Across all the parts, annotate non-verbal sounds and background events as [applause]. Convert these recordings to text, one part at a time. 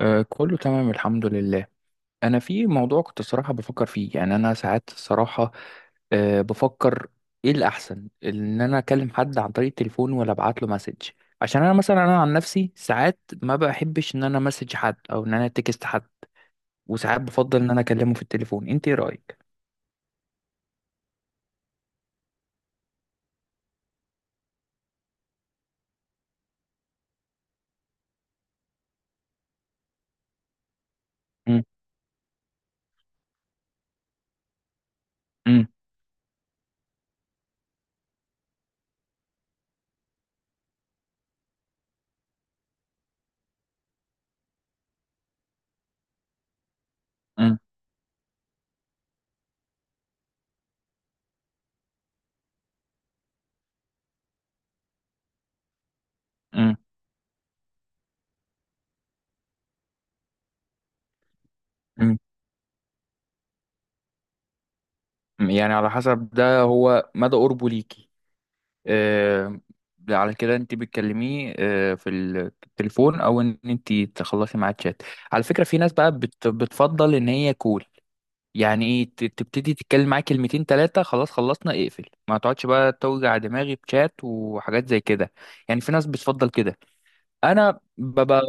آه، كله تمام الحمد لله. انا في موضوع كنت صراحة بفكر فيه، يعني انا ساعات الصراحة بفكر ايه الاحسن، ان انا اكلم حد عن طريق التليفون ولا ابعت له مسج؟ عشان انا مثلا، عن نفسي ساعات ما بحبش ان انا مسج حد او ان انا تكست حد، وساعات بفضل ان انا اكلمه في التليفون. انت ايه رايك؟ مم، مم، مم، مم، مم. يعني على حسب ده، هو مدى قربه ليكي. آه، على كده انت بتكلميه آه، في التليفون او ان انت تخلصي معاه تشات. على فكره في ناس بقى بتفضل ان هي كول، يعني ايه، تبتدي تتكلم معاه كلمتين ثلاثه خلاص، خلصنا اقفل، ما تقعدش بقى توجع دماغي بشات وحاجات زي كده. يعني في ناس بتفضل كده. انا ببقى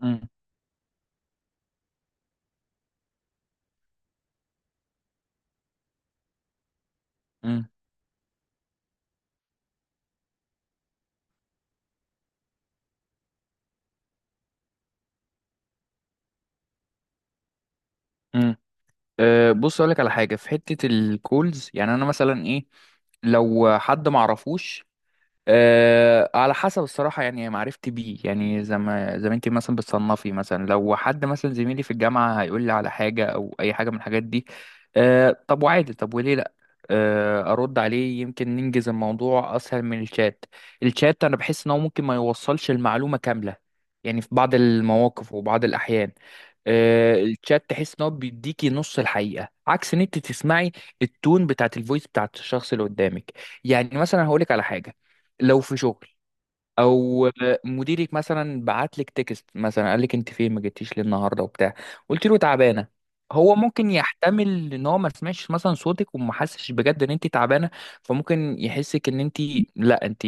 م- م- م. أه بص اقول لك على حاجه في حته الكولز. يعني انا مثلا ايه، لو حد ما اعرفوش، أه على حسب الصراحة يعني معرفتي بيه، يعني زي ما زي ما انت مثلا بتصنفي. مثلا لو حد مثلا زميلي في الجامعة هيقول لي على حاجة أو أي حاجة من الحاجات دي، أه طب وعادي، طب وليه لأ؟ أه أرد عليه، يمكن ننجز الموضوع أسهل من الشات. الشات أنا بحس إن هو ممكن ما يوصلش المعلومة كاملة، يعني في بعض المواقف وبعض الأحيان. أه الشات تحس إن هو بيديكي نص الحقيقة، عكس إن أنت تسمعي التون بتاعت الفويس بتاعت الشخص اللي قدامك. يعني مثلا هقولك على حاجة، لو في شغل او مديرك مثلا بعت لك تكست مثلا، قال لك انت فين ما جيتيش ليه النهارده وبتاع، قلت له تعبانه. هو ممكن يحتمل ان هو ما سمعش مثلا صوتك وما حسش بجد ان انت تعبانه، فممكن يحسك ان انت لا انت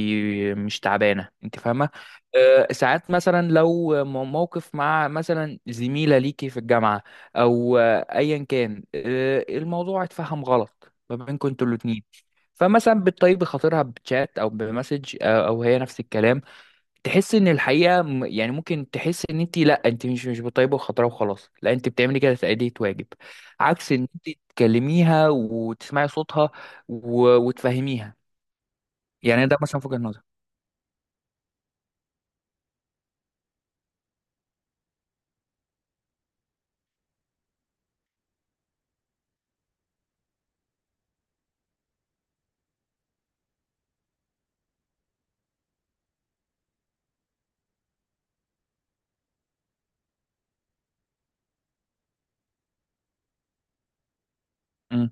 مش تعبانه، انت فاهمه. أه ساعات مثلا لو موقف مع مثلا زميله ليكي في الجامعه او آه، ايا كان، أه الموضوع اتفهم غلط ما بينكم انتوا الاتنين، فمثلا بتطيبي خاطرها بتشات او بمسج آه، او هي نفس الكلام. تحس ان الحقيقه يعني ممكن تحس ان انت، لا انت مش بطيبه وخضراء وخلاص، لا انت بتعملي كده تأدية واجب، عكس ان انت تكلميها وتسمعي صوتها وتفهميها. يعني ده مثلا في وجهة نظر. امم،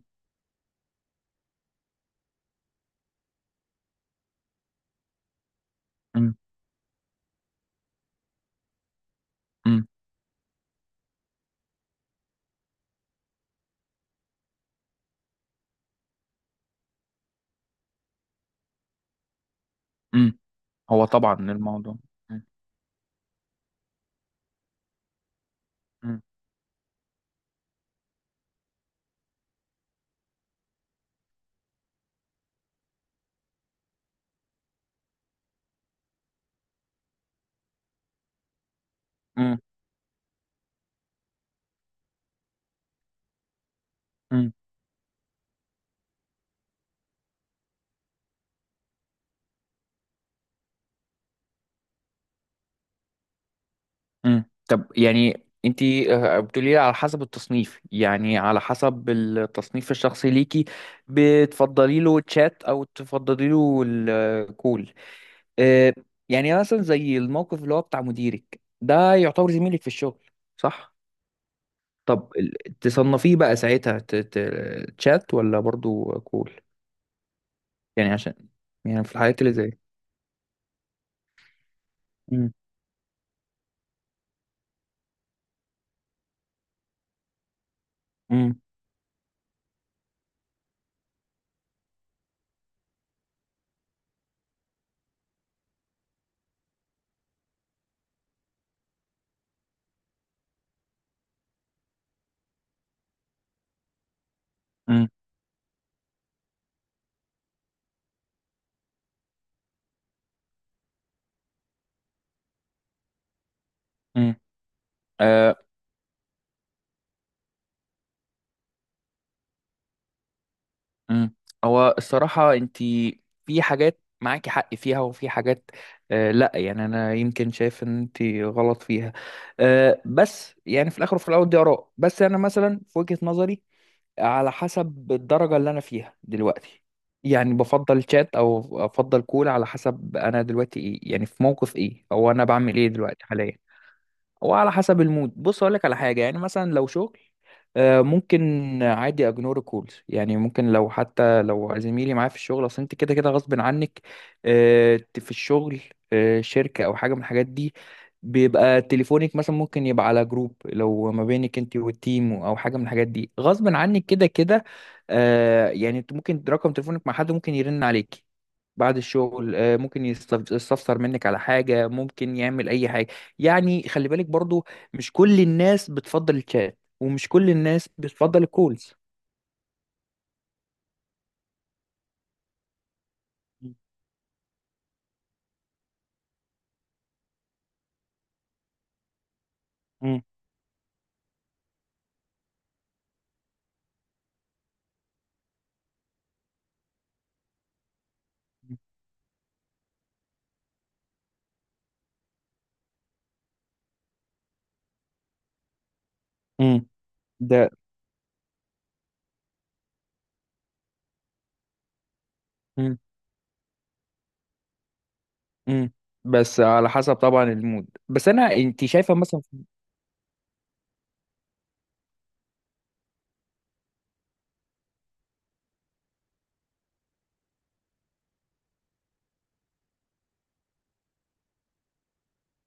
امم، امم، هو طبعا الموضوع. امم. مم. طب يعني انت بتقولي لي على حسب التصنيف، يعني على حسب التصنيف الشخصي ليكي بتفضلي له تشات او تفضلي له الكول. اه، يعني مثلا زي الموقف اللي هو بتاع مديرك ده، يعتبر زميلك في الشغل صح؟ طب تصنفيه بقى ساعتها تشات ولا برضو كول؟ يعني عشان، يعني في الحالات اللي زي، مم. مم. مم. مم. آه، مم. هو الصراحة انت في حاجات معاكي حق فيها، وفي حاجات آه لا، يعني انا يمكن شايف ان انت غلط فيها. آه بس يعني في الاخر وفي الاول دي اراء. بس انا مثلا في وجهة نظري، على حسب الدرجة اللي انا فيها دلوقتي، يعني بفضل شات او افضل كول على حسب انا دلوقتي ايه، يعني في موقف ايه او انا بعمل ايه دلوقتي حاليا. وعلى حسب المود. بص اقول لك على حاجه، يعني مثلا لو شغل آه، ممكن عادي اجنور الكولز. يعني ممكن لو حتى لو زميلي معايا في الشغل، اصل انت كده كده غصب عنك آه، في الشغل آه، شركه او حاجه من الحاجات دي، بيبقى تليفونك مثلا ممكن يبقى على جروب لو ما بينك انت والتيم او حاجه من الحاجات دي، غصب عنك كده كده. آه، يعني انت ممكن رقم تليفونك مع حد ممكن يرن عليك بعد الشغل آه، ممكن يستفسر منك على حاجه، ممكن يعمل اي حاجه. يعني خلي بالك برضو، مش كل الناس بتفضل الشات ومش كل الناس بتفضل الكولز. مم. مم. مم. ده. مم. مم. بس على حسب طبعا المود. بس انا انت شايفه مثلا،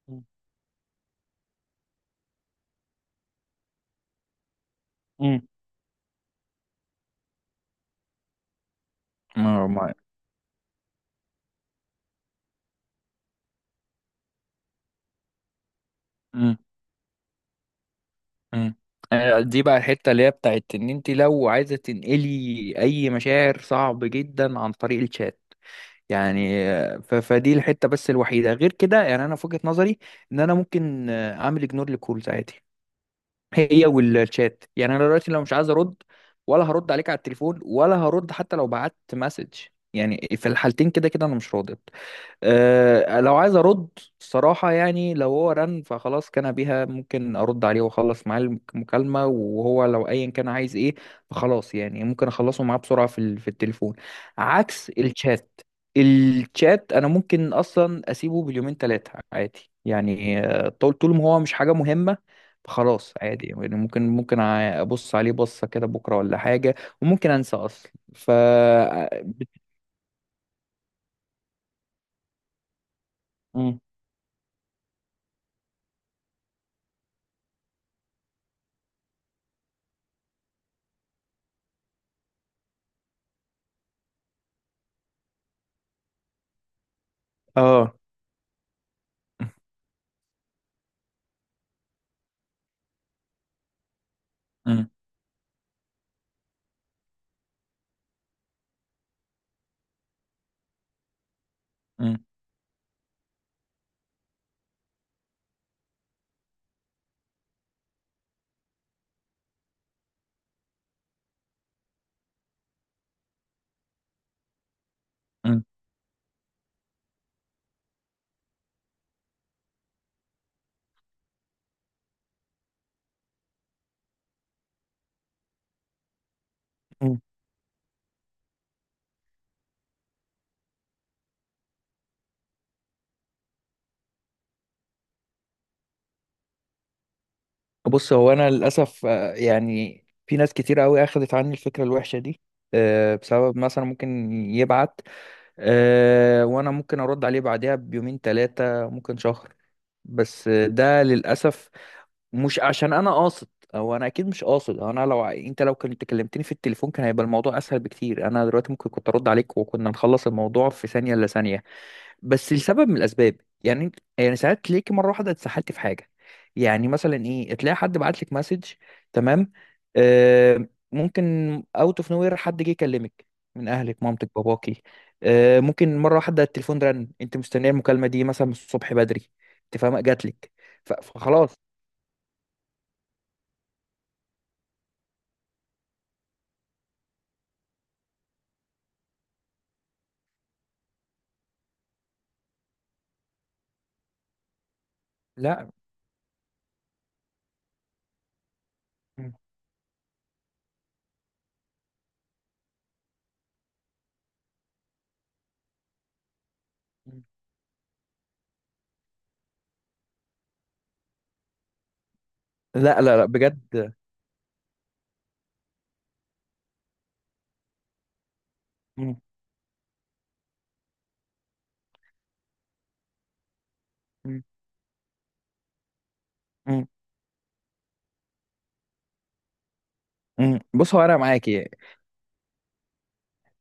مم. مم. ما ما- مم. مم. آه، دي بقى الحته اللي هي بتاعت ان انت لو عايزه تنقلي اي مشاعر، صعب جدا عن طريق الشات. يعني آه، فدي الحته بس الوحيده، غير كده يعني انا في وجهه نظري ان انا ممكن آه، اعمل اجنور لكولز عادي، هي والشات. يعني انا دلوقتي لو مش عايز ارد، ولا هرد عليك على التليفون ولا هرد حتى لو بعت مسج. يعني في الحالتين كده كده انا مش راضي. أه لو عايز ارد الصراحه، يعني لو هو رن فخلاص كان بيها، ممكن ارد عليه واخلص معاه المكالمه، وهو لو ايا كان عايز ايه، فخلاص يعني ممكن اخلصه معاه بسرعه في في التليفون، عكس الشات. الشات انا ممكن اصلا اسيبه باليومين ثلاثه عادي، يعني آه، طول ما هو مش حاجه مهمه، فخلاص عادي. يعني ممكن ابص عليه بصه كده بكره ولا حاجه، وممكن انسى اصلا ف، بت- مم. اه، مم. مم. مم. بص هو انا للاسف آه، يعني في ناس كتير قوي اخذت عني الفكره الوحشه دي آه، بسبب مثلا ممكن يبعت آه، وانا ممكن ارد عليه بعدها بيومين ثلاثه، ممكن شهر. بس آه، ده للاسف مش عشان انا قاصد، او انا اكيد مش قاصد. أو انا لو انت لو كنت كلمتني في التليفون كان هيبقى الموضوع اسهل بكتير، انا دلوقتي ممكن كنت ارد عليك وكنا نخلص الموضوع في ثانيه الا ثانيه. بس لسبب من الاسباب، يعني يعني ساعات تلاقيكي مره واحده اتسحلتي في حاجه. يعني مسلا ايه، تلاقي حد بعت لك مسج، تمام، آه ممكن اوت اوف نوير حد جه يكلمك، من اهلك مامتك باباكي، آه ممكن مره واحده التليفون رن، انت مستنيه المكالمه دي مثلا من الصبح بدري، انت فاهمه جات لك، فخلاص. لا، م- م. لا لا لا بجد، م- م- م- م. بص هو انا معاكي،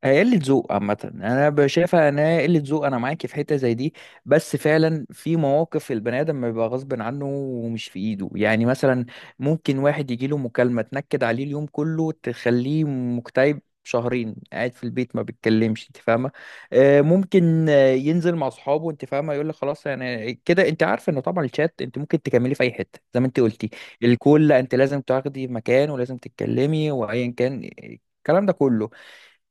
هي قلة ذوق عامة. أنا شايفها إن هي قلة ذوق، أنا معاكي في حتة زي دي. بس فعلا في مواقف البني آدم بيبقى غصب عنه ومش في إيده، يعني مثلا ممكن واحد يجيله مكالمة تنكد عليه اليوم كله، تخليه مكتئب شهرين قاعد في البيت ما بيتكلمش، انت فاهمه. آه، ممكن آه، ينزل مع اصحابه، انت فاهمه، يقول لك خلاص يعني كده. انت عارفه انه طبعا الشات انت ممكن تكملي في اي حته زي ما انت قلتي. الكل، لا انت لازم تاخدي مكان ولازم تتكلمي وايا كان الكلام ده كله.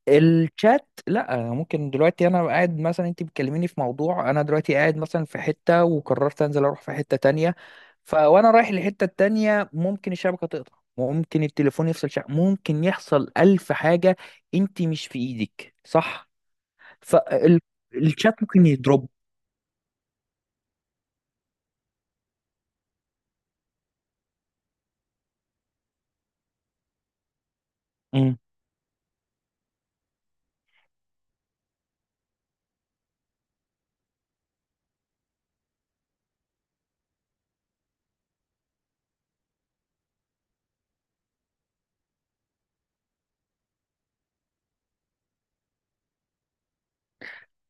الشات لا، ممكن دلوقتي انا قاعد مثلا، انت بتكلميني في موضوع، انا دلوقتي قاعد مثلا في حتة وقررت انزل اروح في حتة تانية، فوانا رايح للحتة التانية ممكن الشبكة تقطع، ممكن التليفون يفصل شبكة، ممكن يحصل الف حاجة، انت مش في ايدك صح؟ فالشات ممكن يضرب.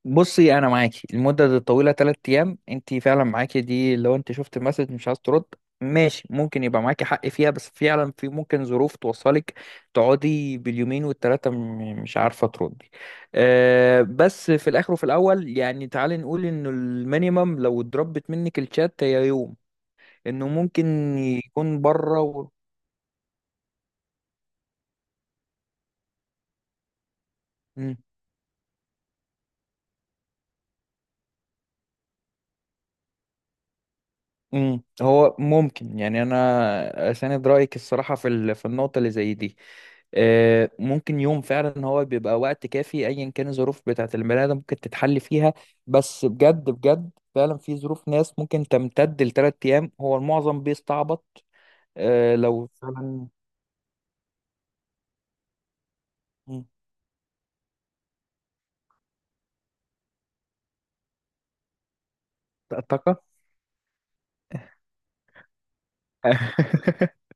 بصي انا معاكي المده دي الطويله 3 ايام، انت فعلا معاكي دي لو انت شفت المسج مش عايز ترد، ماشي ممكن يبقى معاكي حق فيها. بس فعلا في ممكن ظروف توصلك تقعدي باليومين والتلاته مش عارفه تردي. أه بس في الاخر وفي الاول، يعني تعالي نقول انه المينيمم لو اتضربت منك الشات هي يوم، انه ممكن يكون بره امم. هو ممكن، يعني انا اساند رايك الصراحه في في النقطه اللي زي دي. آه، ممكن يوم فعلا هو بيبقى وقت كافي ايا كان الظروف بتاعه البني ادم ممكن تتحل فيها. بس بجد بجد فعلا في ظروف ناس ممكن تمتد لثلاث ايام، هو المعظم بيستعبط. آه، لو فعلا، مم. طاقه؟ [laughs]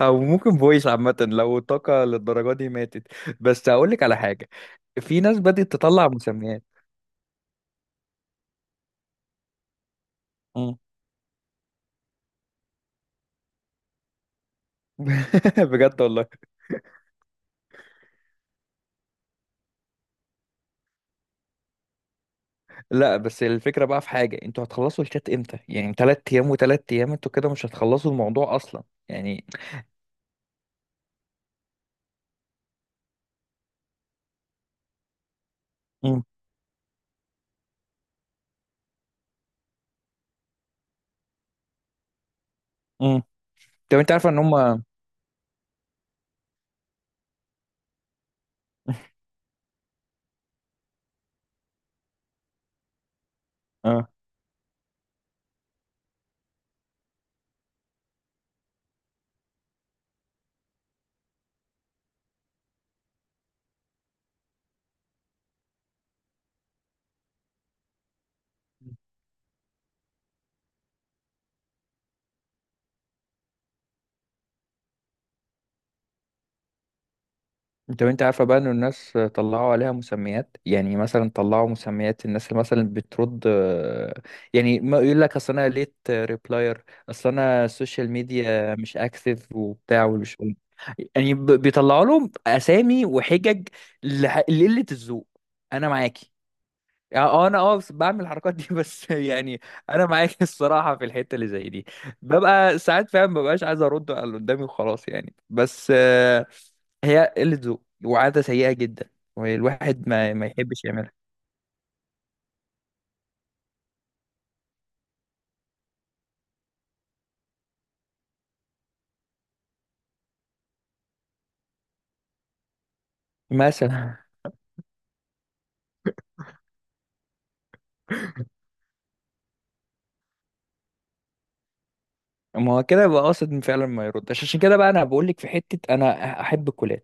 او ممكن فويس عامه لو الطاقه للدرجه دي ماتت. بس هقول لك على حاجه، في ناس بدأت تطلع مسميات. [laughs] بجد والله. لا بس الفكرة بقى في حاجة، انتوا هتخلصوا الشات امتى؟ يعني تلات ايام وتلات ايام، انتوا كده مش هتخلصوا الموضوع اصلا يعني. امم، امم، طب انت عارفة ان هم، اه. طب انت عارفة بقى ان الناس طلعوا عليها مسميات؟ يعني مثلا طلعوا مسميات الناس اللي مثلا بترد آه، يعني ما يقول لك اصل انا ليت ريبلاير، اصل انا السوشيال ميديا مش اكتف وبتاع ومش، يعني بيطلعوا لهم اسامي وحجج لقلة الذوق. انا معاكي، يعني اه انا اه بعمل الحركات دي بس [laughs] يعني. انا معاك الصراحه في الحته اللي زي دي، ببقى ساعات فعلا مببقاش عايز ارد على اللي قدامي وخلاص، يعني بس آه، هي قله ذوق وعاده سيئه جدا، والواحد ما يحبش يعملها، مثلا. ما هو كده يبقى قاصد فعلا ما يردش، عشان كده بقى انا بقول لك في حته انا احب الكلاب،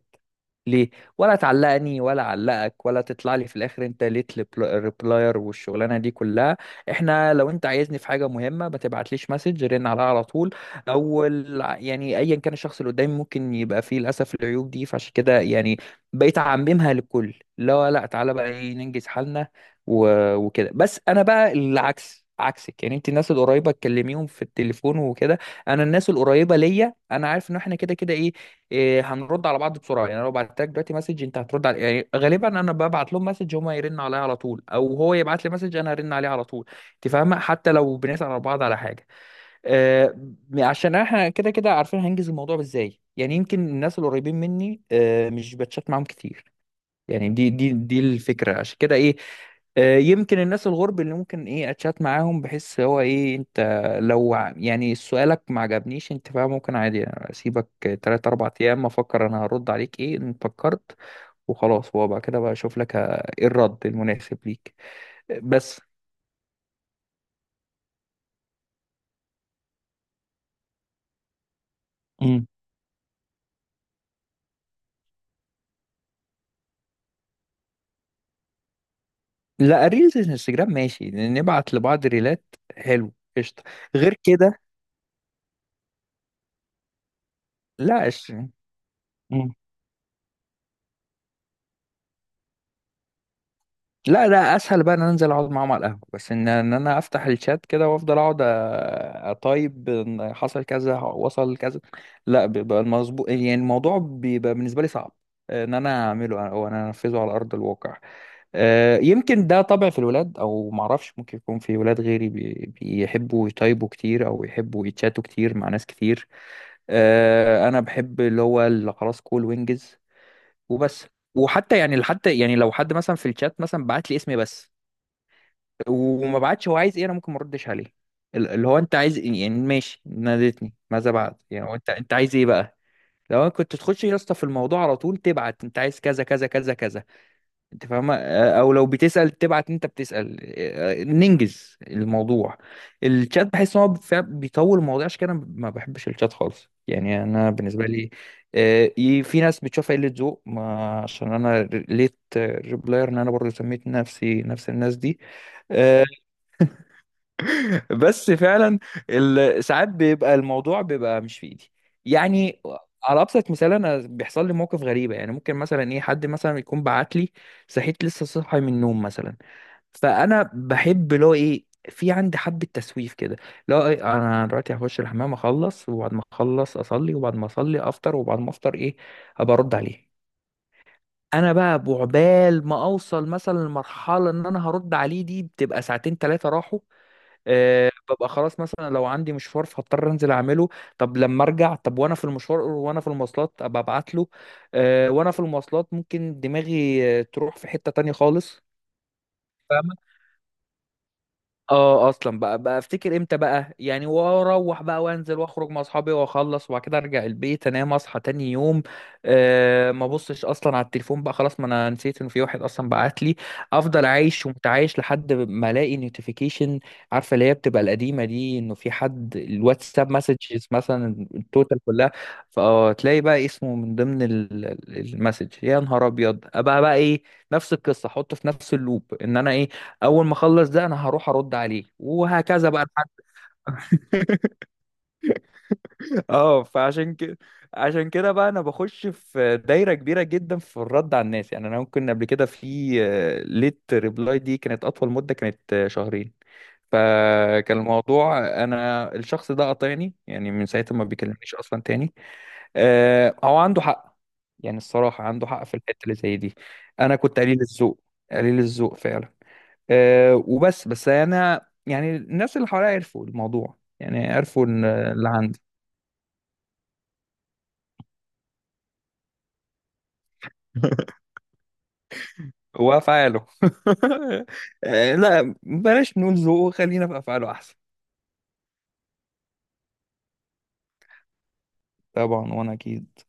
ليه؟ ولا تعلقني ولا علقك، ولا تطلع لي في الاخر انت ليت ريبلاير والشغلانه دي كلها. احنا لو انت عايزني في حاجه مهمه ما تبعتليش مسج، رن عليها على طول، او يعني ايا كان الشخص اللي قدامي ممكن يبقى فيه للاسف العيوب دي، فعشان كده يعني بقيت اعممها للكل. لا لا، تعالى بقى ايه ننجز حالنا، وكده بس. انا بقى العكس عكسك، يعني انت الناس القريبه تكلميهم في التليفون وكده، انا الناس القريبه ليا انا عارف ان احنا كده كده ايه, إيه هنرد على بعض بسرعه. يعني أنا لو بعت لك دلوقتي مسج انت هترد على، يعني غالبا انا ببعت لهم مسج هما يرن عليا على طول، او هو يبعت لي مسج انا هرن عليه على طول، انت فاهمه، حتى لو بنسال على بعض على حاجه، آه، عشان احنا كده كده عارفين هنجز الموضوع ازاي. يعني يمكن الناس القريبين مني آه مش بتشات معاهم كتير، يعني دي دي الفكرة عشان كده ايه. آه، يمكن الناس الغرب اللي ممكن ايه اتشات معاهم، بحس هو ايه، انت لو يعني سؤالك ما عجبنيش انت بقى، ممكن عادي يعني اسيبك تلات اربع ايام افكر انا هرد عليك ايه ان فكرت، وخلاص هو بقى كده، بقى اشوف لك ايه الرد المناسب ليك. بس مم. لا، الريلز الانستجرام ماشي، نبعت لبعض ريلات. حلو، قشطة. غير كده؟ لا، قشطة. لا، لا، اسهل بقى ان انا انزل اقعد معاهم على القهوه، بس ان انا افتح الشات كده وافضل اقعد اطيب إن حصل كذا وصل كذا. لا، بيبقى المظبوط، يعني الموضوع بيبقى بالنسبه لي صعب ان انا اعمله او انا انفذه على ارض الواقع. يمكن ده طبع في الولاد او معرفش، ممكن يكون في ولاد غيري بيحبوا يطيبوا كتير او يحبوا يتشاتوا كتير مع ناس كتير. انا بحب اللي هو اللي خلاص كول وينجز وبس. وحتى يعني حتى يعني لو حد مثلا في الشات مثلا بعت لي اسمي بس وما بعتش هو عايز ايه، انا ممكن ما اردش عليه. اللي هو انت عايز ايه يعني؟ ماشي، نادتني ماذا بعد؟ يعني هو انت عايز ايه بقى؟ لو انا كنت تخش يا اسطى في الموضوع على طول، تبعت انت عايز كذا كذا كذا كذا، انت فاهمه؟ او لو بتسأل تبعت انت بتسأل، ننجز الموضوع. الشات بحس ان هو فعلا بيطول الموضوع، عشان كده انا ما بحبش الشات خالص، يعني انا بالنسبه لي في ناس بتشوفها قله ذوق، عشان انا ليت ريبلاير، ان انا برضه سميت نفسي نفس الناس دي. آه، بس فعلا ساعات بيبقى الموضوع بيبقى مش في ايدي يعني. على ابسط مثال، انا بيحصل لي موقف غريبه يعني، ممكن مثلا ايه حد مثلا يكون بعت لي، صحيت لسه صاحي من النوم مثلا، فانا بحب اللي هو ايه، في عندي حبه تسويف كده. لا إيه، انا دلوقتي هخش الحمام اخلص، وبعد ما اخلص اصلي، وبعد ما اصلي افطر، وبعد ما افطر ايه، ابقى ارد عليه. انا بقى بعبال ما اوصل مثلا لمرحله ان انا هرد عليه، دي بتبقى ساعتين ثلاثه راحوا. أه، ببقى خلاص مثلا، لو عندي مشوار فهضطر انزل اعمله، طب لما ارجع، طب وانا في المشوار وانا في المواصلات ابقى ابعت له. أه وانا في المواصلات ممكن دماغي تروح في حتة تانية خالص. اه اصلا بقى افتكر امتى بقى يعني، واروح بقى وانزل واخرج مع اصحابي واخلص، وبعد كده ارجع البيت انام اصحى تاني يوم. أه، ما ابصش اصلا على التليفون بقى، خلاص، ما انا نسيت ان في واحد اصلا بعت لي. افضل عايش ومتعايش لحد ما الاقي نوتيفيكيشن، عارفه اللي هي بتبقى القديمه دي، انه في حد الواتساب مسجز مثلا التوتال كلها. فتلاقي بقى اسمه من ضمن المسج، يا نهار ابيض، ابقى بقى ايه، نفس القصه، احطه في نفس اللوب، ان انا ايه، اول ما اخلص ده انا هروح ارد عليه، وهكذا بقى لحد [laughs] اه، فعشان كده، عشان كده بقى انا بخش في دايره كبيره جدا في الرد على الناس. يعني انا ممكن قبل كده في ليت ريبلاي دي كانت اطول مده، كانت شهرين، فكان الموضوع، انا الشخص ده قاطعني، يعني من ساعتها ما بيكلمنيش اصلا تاني. هو عنده حق، يعني الصراحه عنده حق في الحته اللي زي دي. انا كنت قليل الذوق، قليل الذوق فعلا. أه، وبس، بس انا يعني الناس اللي حواليا عرفوا الموضوع، يعني عرفوا إن اللي عندي هو افعاله. [laughs] أه، لا، بلاش نقول ذوقه، خلينا في افعاله احسن. طبعا، وانا اكيد.